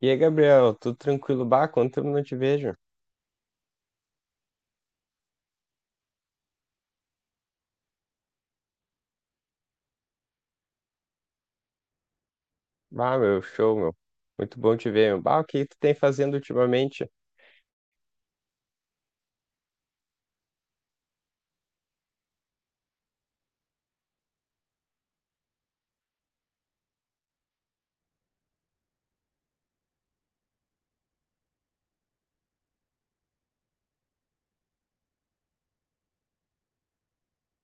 E aí, Gabriel, tudo tranquilo? Bah, quanto tempo não te vejo? Bah, meu, show, meu. Muito bom te ver, meu. Bah, o que tu tem fazendo ultimamente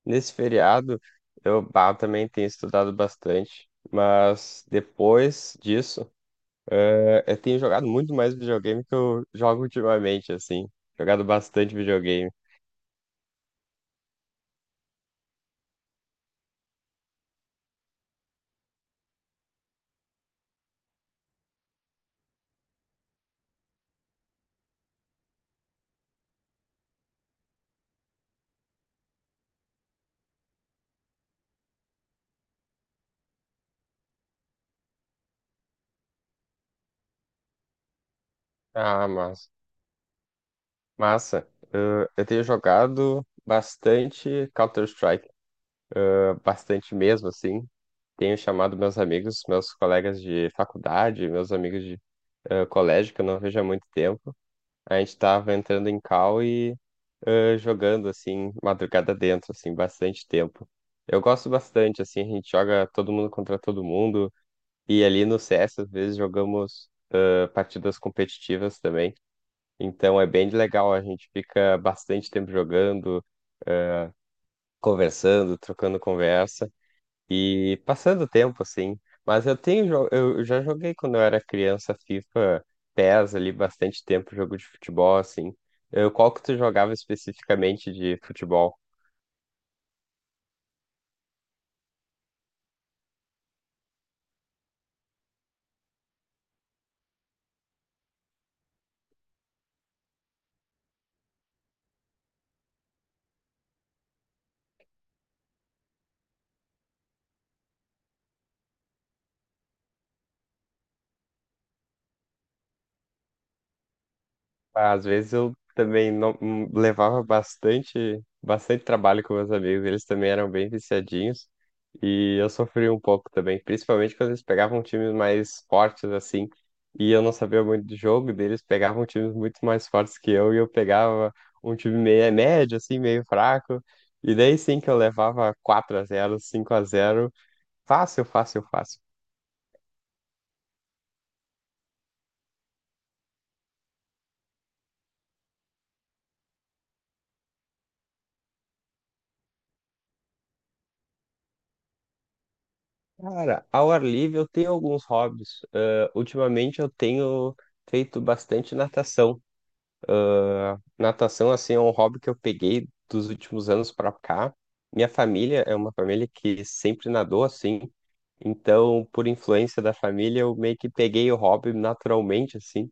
nesse feriado? Eu, bah, também tenho estudado bastante, mas depois disso, eu tenho jogado muito mais videogame que eu jogo ultimamente, assim. Jogado bastante videogame. Ah, massa. Eu tenho jogado bastante Counter-Strike, bastante mesmo, assim. Tenho chamado meus amigos, meus colegas de faculdade, meus amigos de colégio, que eu não vejo há muito tempo. A gente tava entrando em call e jogando, assim, madrugada dentro, assim, bastante tempo. Eu gosto bastante, assim, a gente joga todo mundo contra todo mundo. E ali no CS, às vezes, jogamos partidas competitivas também. Então é bem legal, a gente fica bastante tempo jogando, conversando, trocando conversa. E passando o tempo, assim. Mas eu já joguei quando eu era criança FIFA, PES ali, bastante tempo, jogo de futebol, assim. Qual que tu jogava especificamente de futebol? Ah, às vezes eu também não levava bastante, bastante trabalho com meus amigos, eles também eram bem viciadinhos e eu sofria um pouco também, principalmente quando eles pegavam times mais fortes assim, e eu não sabia muito de jogo deles, pegavam times muito mais fortes que eu e eu pegava um time meio médio assim, meio fraco, e daí sim que eu levava 4-0 5-0 fácil, fácil, fácil. Cara, ao ar livre eu tenho alguns hobbies. Ah, ultimamente eu tenho feito bastante natação. Natação, assim, é um hobby que eu peguei dos últimos anos pra cá. Minha família é uma família que sempre nadou assim. Então, por influência da família, eu meio que peguei o hobby naturalmente, assim.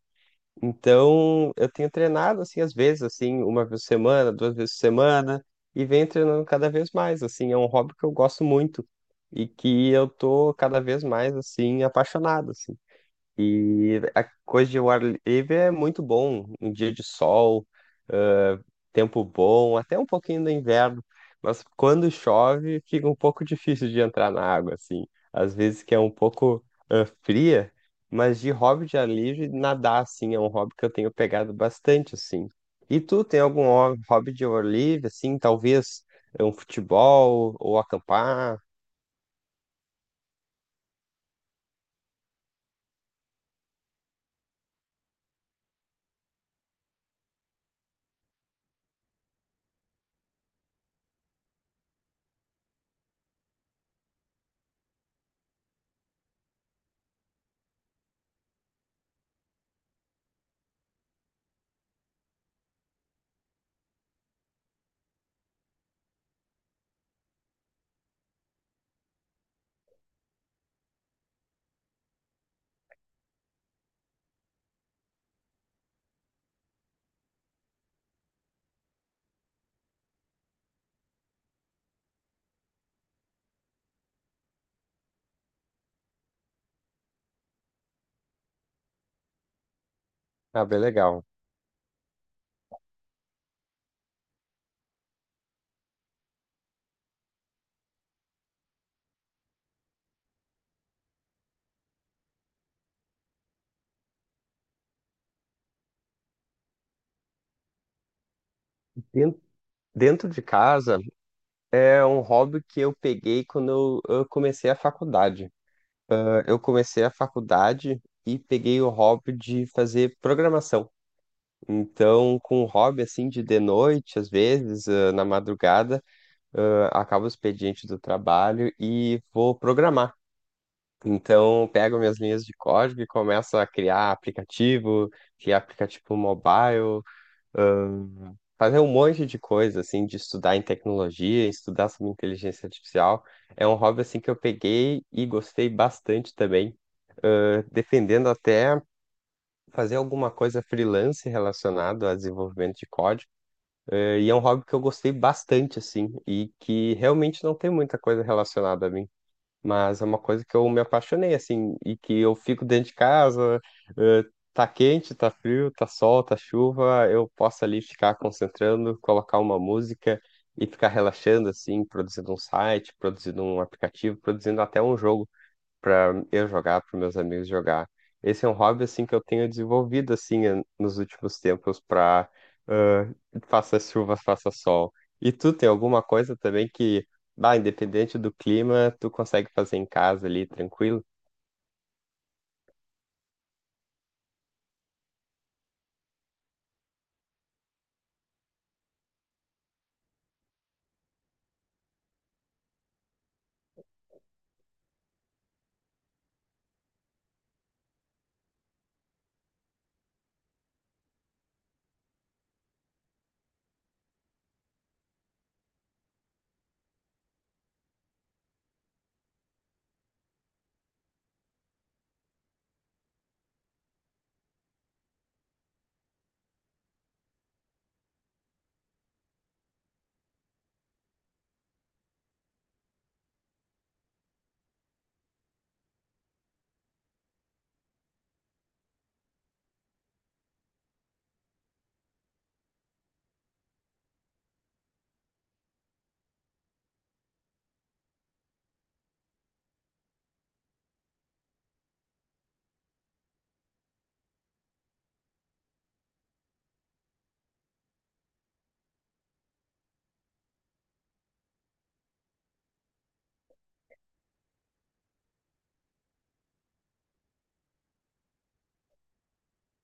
Então, eu tenho treinado assim às vezes, assim, uma vez por semana, duas vezes por semana, e venho treinando cada vez mais, assim, é um hobby que eu gosto muito e que eu tô cada vez mais assim apaixonado, assim. E a coisa de o ar livre é muito bom, um dia de sol, ah, tempo bom, até um pouquinho do inverno, mas quando chove fica um pouco difícil de entrar na água, assim. Às vezes que é um pouco fria, mas de hobby de ar livre, nadar, assim, é um hobby que eu tenho pegado bastante, assim. E tu tem algum hobby de ar livre, assim, talvez é um futebol ou acampar? Ah, bem legal. Den- Dentro de casa, é um hobby que eu peguei quando eu comecei a faculdade. Ah, eu comecei a faculdade e peguei o hobby de fazer programação. Então, com o hobby assim de noite, às vezes, na madrugada, acaba o expediente do trabalho e vou programar. Então, pego minhas linhas de código e começo a criar aplicativo mobile, fazer um monte de coisa, assim, de estudar em tecnologia, estudar sobre inteligência artificial. É um hobby, assim, que eu peguei e gostei bastante também, defendendo até fazer alguma coisa freelance relacionado a desenvolvimento de código. E é um hobby que eu gostei bastante, assim, e que realmente não tem muita coisa relacionada a mim. Mas é uma coisa que eu me apaixonei, assim, e que eu fico dentro de casa, eh, tá quente, tá frio, tá sol, tá chuva, eu posso ali ficar concentrando, colocar uma música e ficar relaxando, assim, produzindo um site, produzindo um aplicativo, produzindo até um jogo para eu jogar, para meus amigos jogar. Esse é um hobby assim que eu tenho desenvolvido assim nos últimos tempos para faça chuva, faça sol. E tu tem alguma coisa também que, bah, independente do clima, tu consegue fazer em casa ali tranquilo?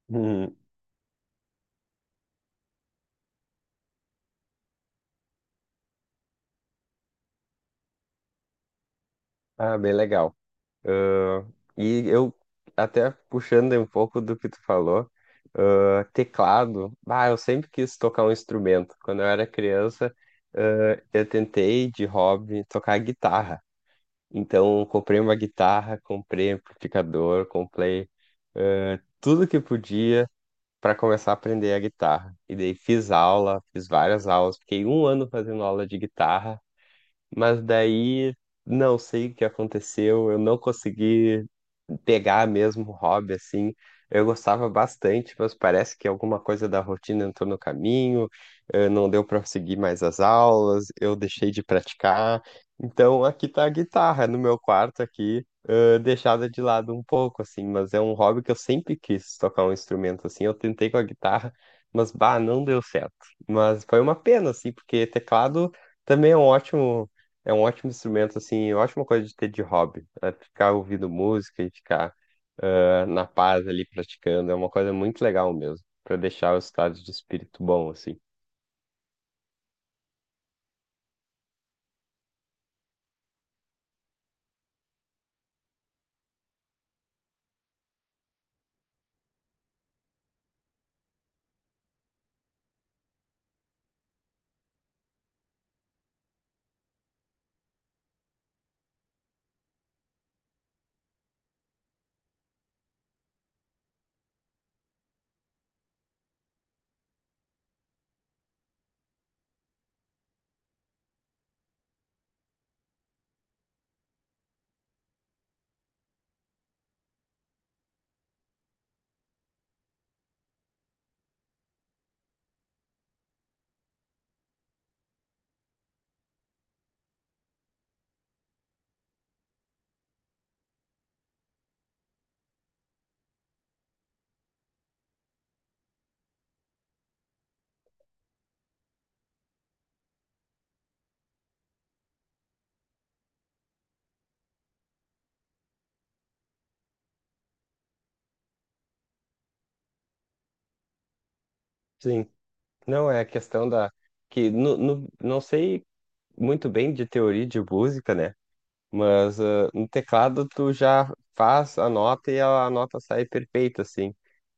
Hum. Ah, bem legal. Ah, e eu até puxando um pouco do que tu falou, teclado. Bah, eu sempre quis tocar um instrumento. Quando eu era criança, eu tentei de hobby tocar guitarra. Então, comprei uma guitarra, comprei amplificador, comprei tudo que podia para começar a aprender a guitarra. E daí fiz aula, fiz várias aulas, fiquei um ano fazendo aula de guitarra, mas daí não sei o que aconteceu, eu não consegui pegar mesmo o hobby assim. Eu gostava bastante, mas parece que alguma coisa da rotina entrou no caminho, não deu para seguir mais as aulas, eu deixei de praticar. Então aqui tá a guitarra no meu quarto aqui, deixada de lado um pouco assim, mas é um hobby que eu sempre quis tocar um instrumento assim. Eu tentei com a guitarra, mas bah, não deu certo. Mas foi uma pena assim, porque teclado também é um ótimo, é um ótimo instrumento, assim, ótima coisa de ter de hobby. É ficar ouvindo música e ficar na paz ali praticando. É uma coisa muito legal mesmo, para deixar o estado de espírito bom, assim. Sim, não é a questão da. Que não sei muito bem de teoria de música, né? Mas no teclado tu já faz a nota e a nota sai perfeita, assim,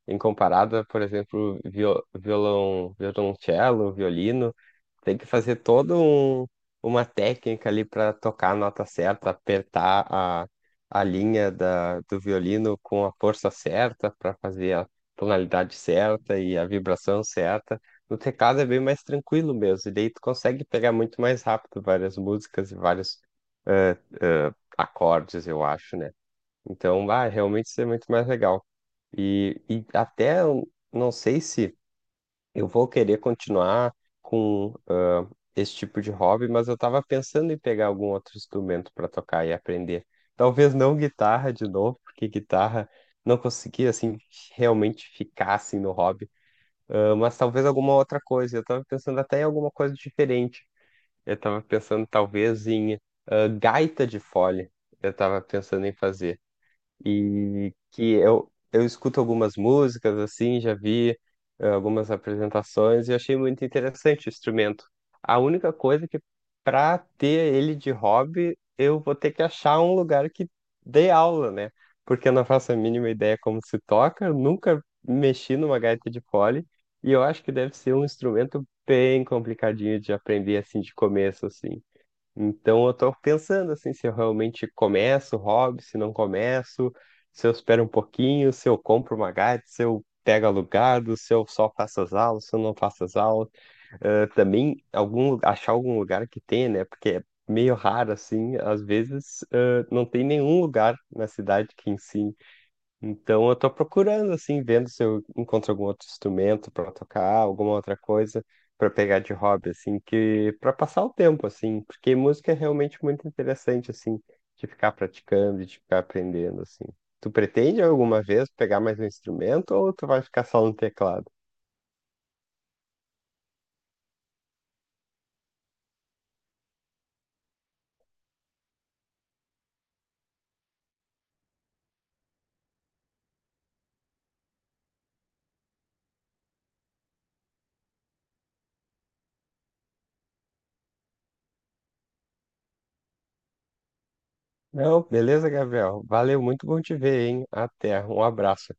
em comparada, por exemplo, violão, violoncelo, violino, tem que fazer toda uma técnica ali para tocar a nota certa, apertar a linha do violino com a força certa para fazer a tonalidade certa e a vibração certa. No teclado é bem mais tranquilo mesmo, e daí tu consegue pegar muito mais rápido várias músicas e vários acordes, eu acho, né? Então, vai, realmente isso é muito mais legal. E até eu não sei se eu vou querer continuar com esse tipo de hobby, mas eu estava pensando em pegar algum outro instrumento para tocar e aprender. Talvez não guitarra de novo, porque guitarra não consegui assim realmente ficar assim no hobby. Ah, mas talvez alguma outra coisa. Eu estava pensando até em alguma coisa diferente. Eu estava pensando talvez em gaita de fole. Eu estava pensando em fazer e que eu escuto algumas músicas assim, já vi algumas apresentações e achei muito interessante o instrumento. A única coisa é que para ter ele de hobby, eu vou ter que achar um lugar que dê aula, né? Porque eu não faço a mínima ideia como se toca, eu nunca mexi numa gaita de fole e eu acho que deve ser um instrumento bem complicadinho de aprender assim de começo assim. Então eu tô pensando assim, se eu realmente começo o hobby, se não começo, se eu espero um pouquinho, se eu compro uma Gatti, se eu pego alugado, se eu só faço as aulas, se eu não faço as aulas. Também algum, achar algum lugar que tenha, né? Porque é meio raro assim, às vezes não tem nenhum lugar na cidade que ensine. Então eu tô procurando assim, vendo se eu encontro algum outro instrumento para tocar, alguma outra coisa para pegar de hobby assim, que para passar o tempo assim, porque música é realmente muito interessante assim, de ficar praticando, de ficar aprendendo assim. Tu pretende alguma vez pegar mais um instrumento ou tu vai ficar só no teclado? Não, beleza, Gabriel. Valeu, muito bom te ver, hein? Até, um abraço.